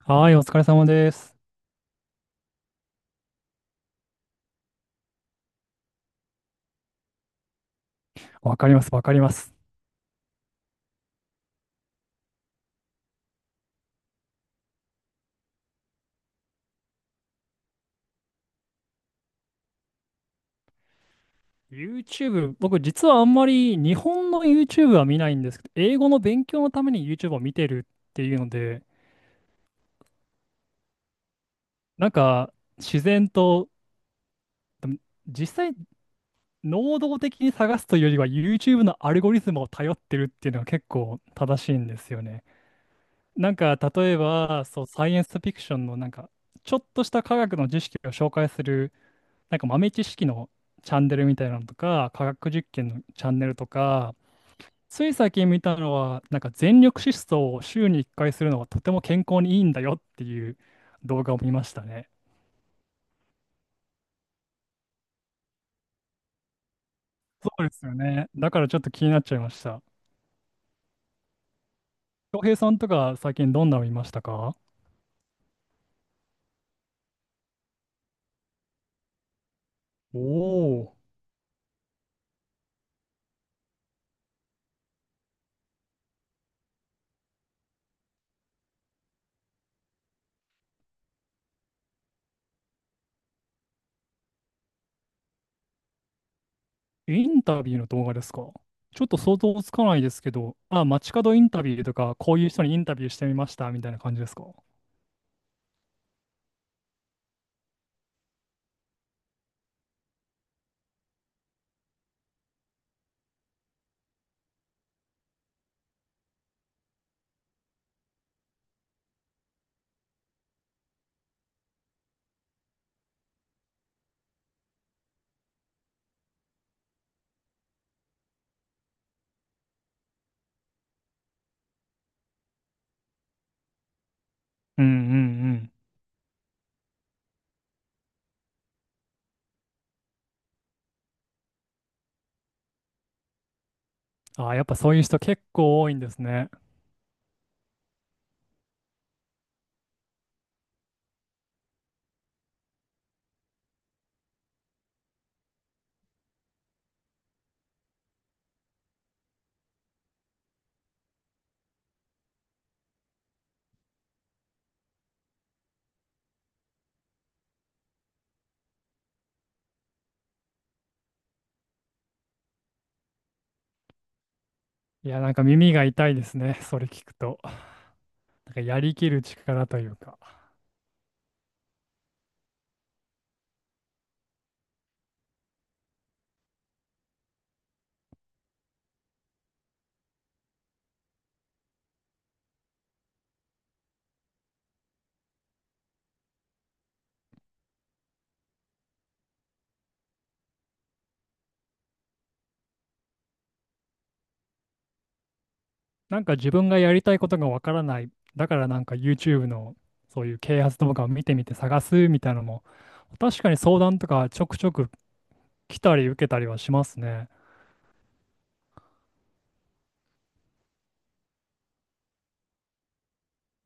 はい、お疲れ様です。わかります、わかります。YouTube、僕実はあんまり日本の YouTube は見ないんですけど、英語の勉強のために YouTube を見てるっていうので、なんか自然と実際能動的に探すというよりは YouTube のアルゴリズムを頼ってるっていうのが結構正しいんですよね。なんか例えば、そう、サイエンスフィクションのちょっとした科学の知識を紹介する豆知識のチャンネルみたいなのとか、科学実験のチャンネルとか、つい最近見たのは、なんか全力疾走を週に1回するのはとても健康にいいんだよっていう動画を見ましたね。そうですよね。だからちょっと気になっちゃいました。恭平さんとか最近どんなの見ましたか？おおー、インタビューの動画ですか？ちょっと想像つかないですけど、あ、街角インタビューとか、こういう人にインタビューしてみましたみたいな感じですか？うんうんうん。あ、やっぱそういう人結構多いんですね。いや、なんか耳が痛いですね。それ聞くと。なんかやりきる力というか。なんか自分がやりたいことがわからない。だからなんか YouTube のそういう啓発動画を見てみて探すみたいなのも、確かに相談とかちょくちょく来たり受けたりはしますね。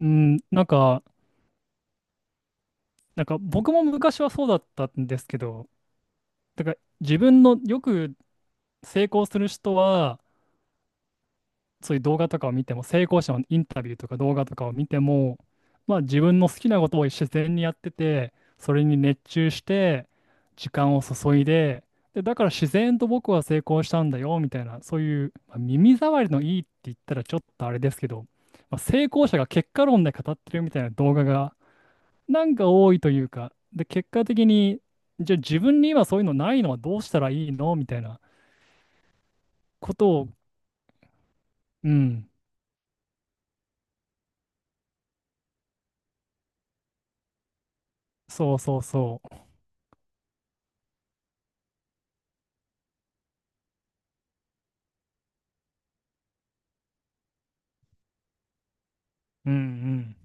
うん、なんか、なんか僕も昔はそうだったんですけど、だから自分のよく成功する人は、そういう動画とかを見ても、成功者のインタビューとか動画とかを見ても、まあ自分の好きなことを自然にやってて、それに熱中して、時間を注いで、で、だから自然と僕は成功したんだよ、みたいな、そういう、まあ耳障りのいいって言ったらちょっとあれですけど、まあ、成功者が結果論で語ってるみたいな動画が、なんか多いというか、で、結果的に、じゃあ自分に今そういうのないのはどうしたらいいのみたいなことを、うん、そうそうそう。うん、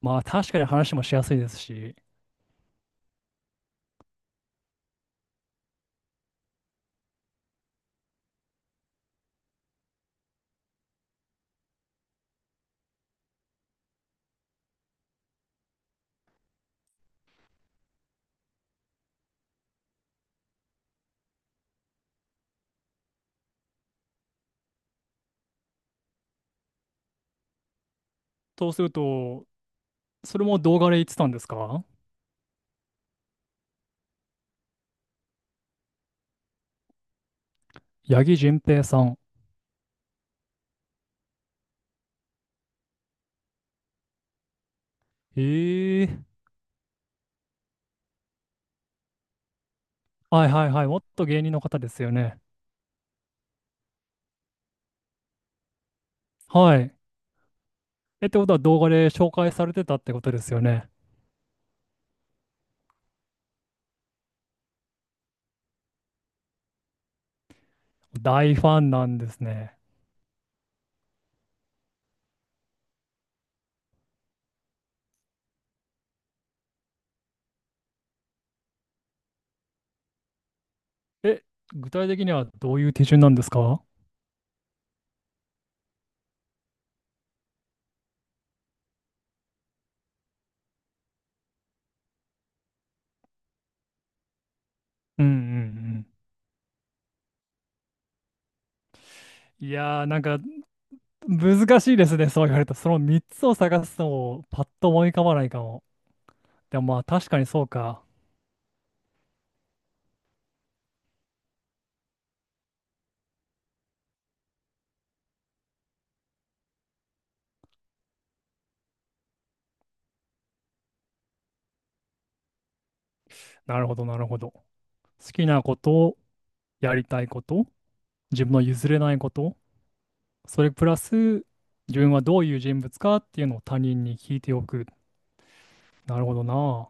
まあ確かに話もしやすいですし、そうすると、それも動画で言ってたんですか？八木純平さん。ええ、はいはいはい。もっと芸人の方ですよね。はい。え、ってことは動画で紹介されてたってことですよね。大ファンなんですね。え、具体的にはどういう手順なんですか？うんうんうん。いやー、なんか難しいですね、そう言われた。その3つを探すのをパッと思い浮かばないかも。でもまあ確かにそうか。なるほど、なるほど。好きなこと、やりたいこと、自分の譲れないこと、それプラス自分はどういう人物かっていうのを他人に聞いておく。なるほどな。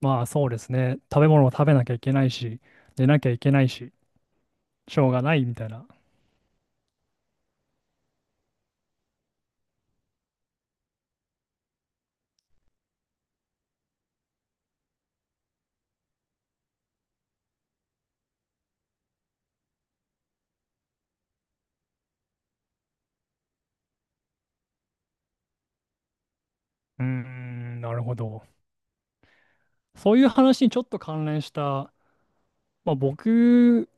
まあそうですね。食べ物を食べなきゃいけないし、寝なきゃいけないし、しょうがないみたいな。うーん、なるほど。そういう話にちょっと関連した、まあ、僕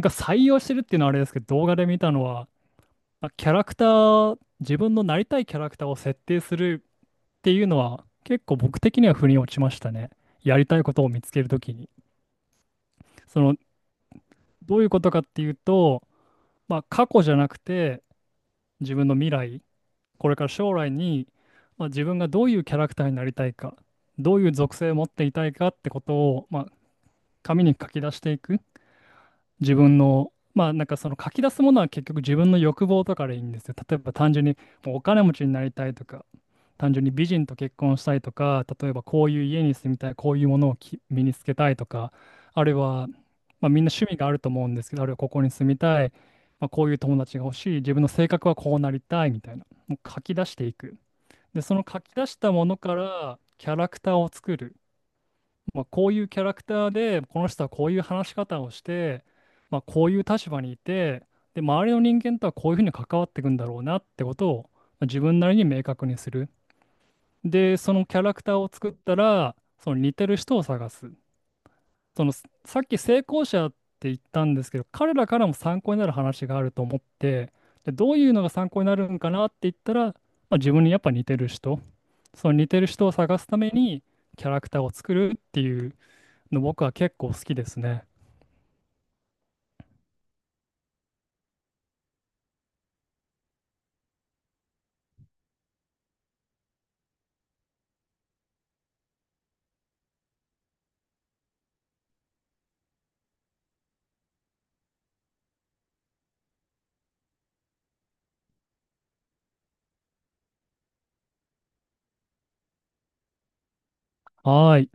が採用してるっていうのはあれですけど、動画で見たのは、まあ、キャラクター、自分のなりたいキャラクターを設定するっていうのは、結構僕的には腑に落ちましたね。やりたいことを見つけるときに。その、どういうことかっていうと、まあ、過去じゃなくて、自分の未来、これから将来に、まあ、自分がどういうキャラクターになりたいか、どういう属性を持っていたいかってことを、まあ、紙に書き出していく。自分の、まあなんかその書き出すものは結局自分の欲望とかでいいんですよ。例えば単純にもうお金持ちになりたいとか、単純に美人と結婚したいとか、例えばこういう家に住みたい、こういうものをき身につけたいとか、あるいは、まあ、みんな趣味があると思うんですけど、あるいはここに住みたい、まあ、こういう友達が欲しい、自分の性格はこうなりたいみたいな、もう書き出していく。で、その書き出したものからキャラクターを作る。まあ、こういうキャラクターで、この人はこういう話し方をして、まあ、こういう立場にいて、で、周りの人間とはこういうふうに関わっていくんだろうなってことを、まあ自分なりに明確にする。で、そのキャラクターを作ったら、その似てる人を探す。その、さっき成功者って言ったんですけど、彼らからも参考になる話があると思って、で、どういうのが参考になるんかなって言ったら、まあ、自分にやっぱ似てる人、その似てる人を探すためにキャラクターを作るっていう。の僕は結構好きですね。はーい。